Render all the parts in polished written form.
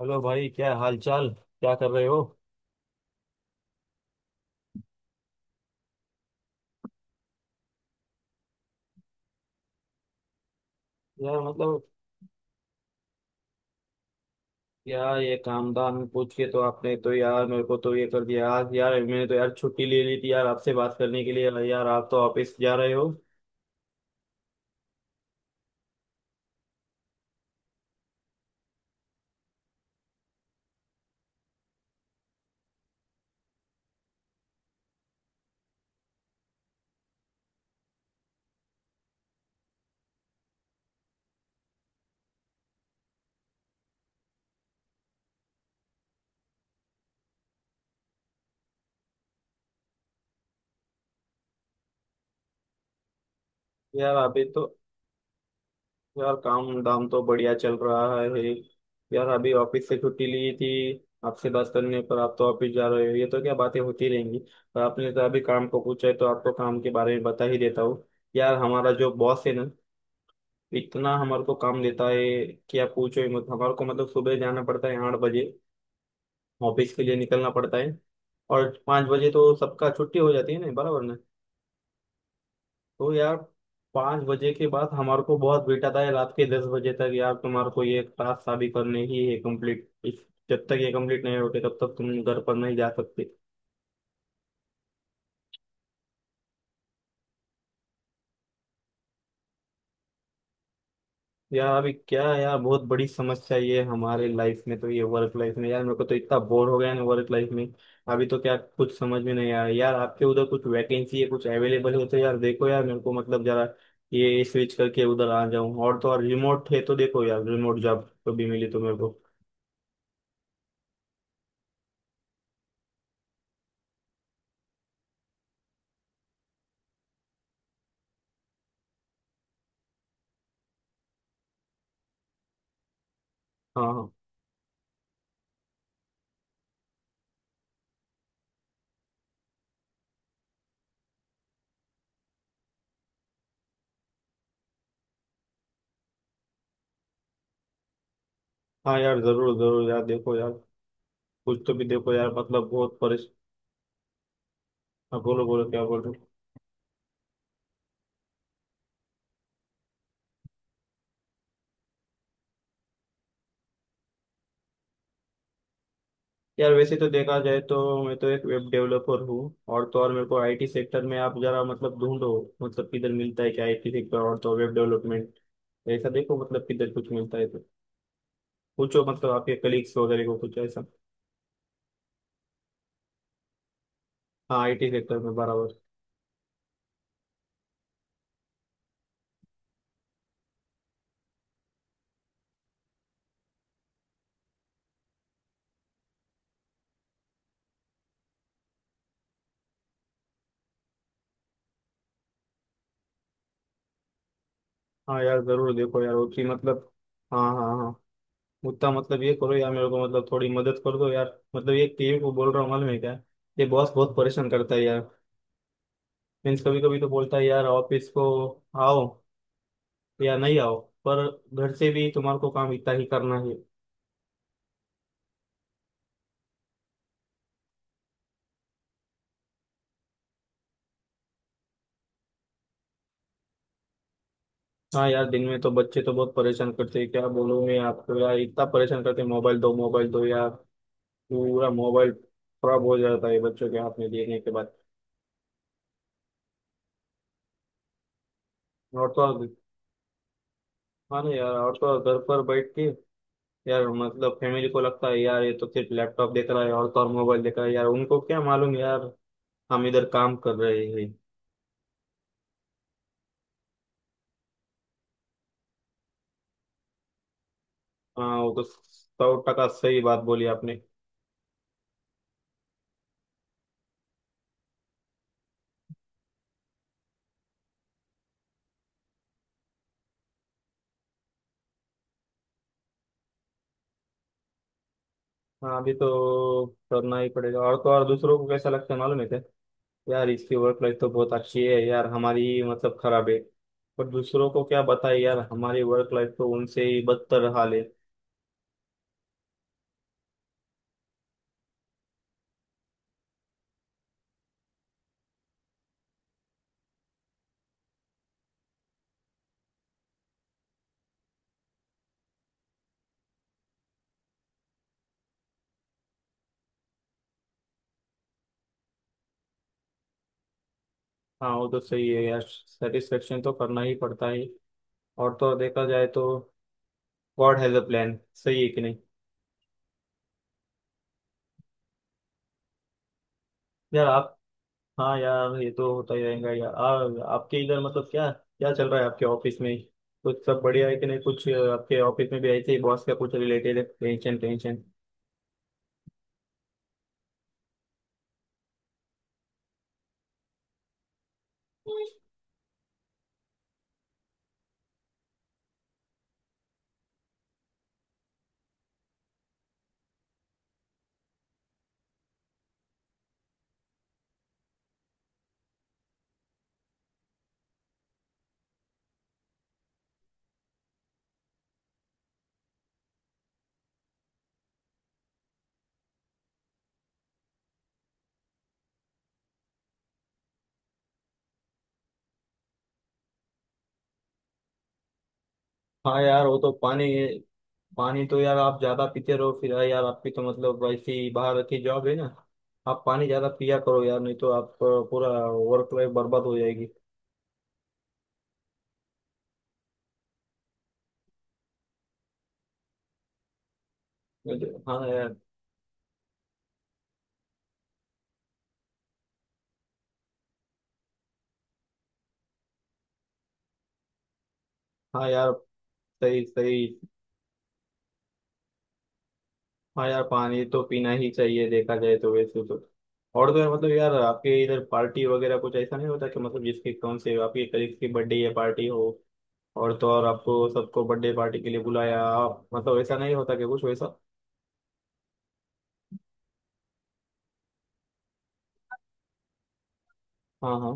Hello भाई, क्या हाल चाल? क्या कर रहे हो? यार मतलब, यार ये काम धाम पूछ के तो आपने तो यार मेरे को तो ये कर दिया आज। यार मैंने तो यार छुट्टी ले ली थी यार आपसे बात करने के लिए, यार आप तो ऑफिस जा रहे हो। यार अभी तो, यार काम धाम तो बढ़िया चल रहा है। यार अभी ऑफिस से छुट्टी ली थी आपसे बात करने पर, आप तो ऑफिस जा रहे हो, ये तो क्या बातें होती रहेंगी। पर आपने तो अभी काम को पूछा है तो आपको काम के बारे में बता ही देता हूँ। यार हमारा जो बॉस है ना, इतना हमारे को काम देता है कि आप पूछो ही मत हमारे को। मतलब सुबह जाना पड़ता है 8 बजे, ऑफिस के लिए निकलना पड़ता है। और 5 बजे तो सबका छुट्टी हो जाती है ना, बराबर ना? तो यार 5 बजे के बाद हमारे को बहुत बिठाता है, रात के 10 बजे तक। यार तुम्हारे को ये टास्क अभी करने ही है कंप्लीट इस, जब तक ये कंप्लीट नहीं होते तब तक तुम घर पर नहीं जा सकते। यार अभी क्या है यार, बहुत बड़ी समस्या ये हमारे लाइफ में तो, ये वर्क लाइफ में, यार मेरे को तो इतना बोर हो गया ना वर्क लाइफ में। अभी तो क्या कुछ समझ में नहीं आया यार। आपके उधर कुछ वैकेंसी है, कुछ अवेलेबल हो तो यार देखो यार मेरे को, मतलब जरा ये स्विच करके उधर आ जाऊं। और तो और रिमोट है तो देखो यार, रिमोट जॉब कभी मिली तो मेरे को। हाँ हाँ हाँ। यार जरूर जरूर यार, देखो यार, कुछ तो भी देखो यार, मतलब बहुत परेशान। बोलो बोलो, क्या बोल रहे हो? यार वैसे तो देखा जाए तो, मैं तो एक वेब डेवलपर हूँ। और तो और मेरे को आईटी सेक्टर में आप जरा मतलब ढूंढो। मतलब किधर मिलता है क्या आईटी सेक्टर, और तो वेब डेवलपमेंट, ऐसा देखो मतलब किधर कुछ मिलता है तो पूछो, मतलब आपके कलीग्स वगैरह को, कुछ ऐसा। हाँ आईटी सेक्टर में बराबर। हाँ यार जरूर देखो यार उसकी, मतलब। हाँ हाँ हाँ। उतना मतलब ये करो यार, मेरे को मतलब थोड़ी मदद कर दो यार। मतलब ये टीम को बोल रहा हूँ, मालूम है क्या? ये बॉस बहुत परेशान करता है यार। मीन्स कभी कभी तो बोलता है यार ऑफिस को, आओ या नहीं आओ, पर घर से भी तुम्हारे को काम इतना ही करना है। हाँ यार दिन में तो बच्चे तो बहुत परेशान करते हैं, क्या बोलूं मैं आपको यार, इतना परेशान करते हैं, मोबाइल दो यार। पूरा मोबाइल खराब हो जाता है बच्चों के हाथ में देने के बाद। और तो और- हाँ ना यार, और तो और घर पर बैठ के, यार मतलब फैमिली को लगता है यार ये तो सिर्फ लैपटॉप देख रहा है, और तो और मोबाइल देख रहा है यार, उनको क्या मालूम यार हम इधर काम कर रहे हैं। हाँ, वो तो सौ टका सही बात बोली आपने। हाँ अभी तो करना ही पड़ेगा। और तो और दूसरों को कैसा लगता है मालूम है क्या? यार इसकी वर्क लाइफ तो बहुत अच्छी है यार, हमारी मतलब खराब है। पर दूसरों को क्या बताए यार हमारी वर्क लाइफ तो उनसे ही बदतर हाल है। हाँ वो तो सही है यार, सेटिस्फेक्शन तो करना ही पड़ता है। और तो और देखा जाए तो, गॉड हैज अ प्लान। सही है कि नहीं? यार आप, हाँ यार ये तो होता ही रहेगा यार। आपके इधर मतलब क्या क्या चल रहा है आपके ऑफिस में? कुछ सब बढ़िया है कि नहीं? कुछ आपके ऑफिस में भी ऐसे ही बॉस का कुछ रिलेटेड है, टेंशन टेंशन? हाँ यार वो तो पानी, पानी तो यार आप ज्यादा पीते रहो फिर। हाँ यार आपकी तो मतलब ऐसी बाहर की जॉब है ना, आप पानी ज्यादा पिया करो यार, नहीं तो आप पूरा वर्क लाइफ बर्बाद हो जाएगी। हाँ यार। हाँ यार। सही सही। हाँ यार पानी तो पीना ही चाहिए, देखा जाए तो वैसे तो। और तो यार मतलब यार आपके इधर पार्टी वगैरह कुछ ऐसा नहीं होता कि मतलब जिसके कौन से आपके कलीग्स की बर्थडे या पार्टी हो, और तो और आपको सबको बर्थडे पार्टी के लिए बुलाया, आप मतलब ऐसा नहीं होता कि कुछ वैसा? हाँ हाँ।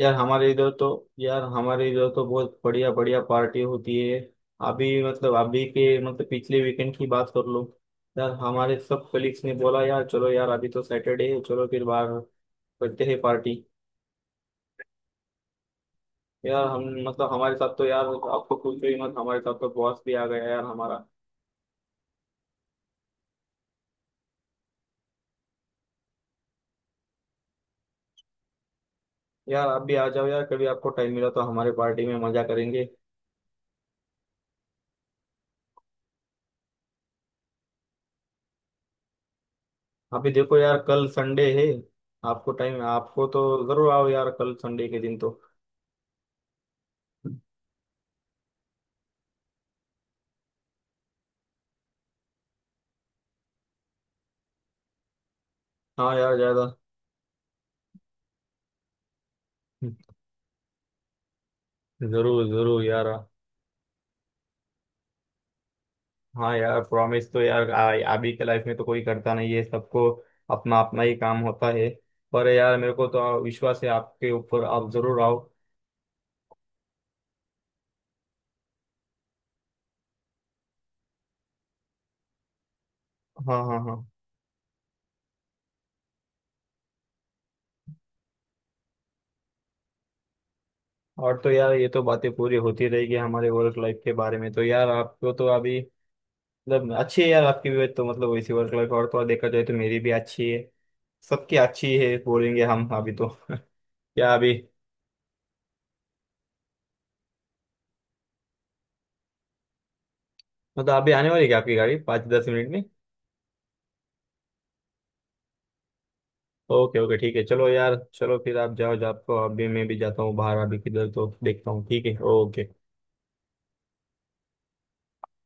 यार हमारे इधर तो, यार हमारे इधर तो बहुत बढ़िया बढ़िया पार्टी होती है। अभी मतलब अभी के मतलब पिछले वीकेंड की बात कर लो, यार हमारे सब कलीग्स ने बोला यार चलो यार अभी तो सैटरडे है, चलो फिर बाहर करते हैं पार्टी। यार हम मतलब हमारे साथ तो यार आपको पूछो ही मत, हमारे साथ तो बॉस भी आ गया यार हमारा। यार आप भी आ जाओ यार, कभी आपको टाइम मिला तो हमारे पार्टी में मजा करेंगे। अभी देखो यार कल संडे है, आपको टाइम आपको तो जरूर आओ यार, कल संडे के दिन तो। हाँ यार ज्यादा। जरूर जरूर यार। हाँ यार प्रॉमिस तो यार अभी के लाइफ में तो कोई करता नहीं है, सबको अपना अपना ही काम होता है। पर यार मेरे को तो विश्वास है आपके ऊपर, आप जरूर आओ। हाँ हाँ हाँ। और तो यार ये तो बातें पूरी होती रहेगी हमारे वर्क लाइफ के बारे में, तो यार आपको तो अभी मतलब अच्छी है यार आपकी भी तो, मतलब वैसी वर्क लाइफ, और तो और देखा जाए तो मेरी भी अच्छी है, सबकी अच्छी है बोलेंगे हम अभी तो। क्या अभी, मतलब अभी आने वाली है क्या आपकी गाड़ी, 5-10 मिनट में? ओके ओके ठीक है, चलो यार चलो फिर आप जाओ जाओ, आपको अभी मैं भी जाता हूँ बाहर अभी, किधर तो देखता हूँ, ठीक है, ओके।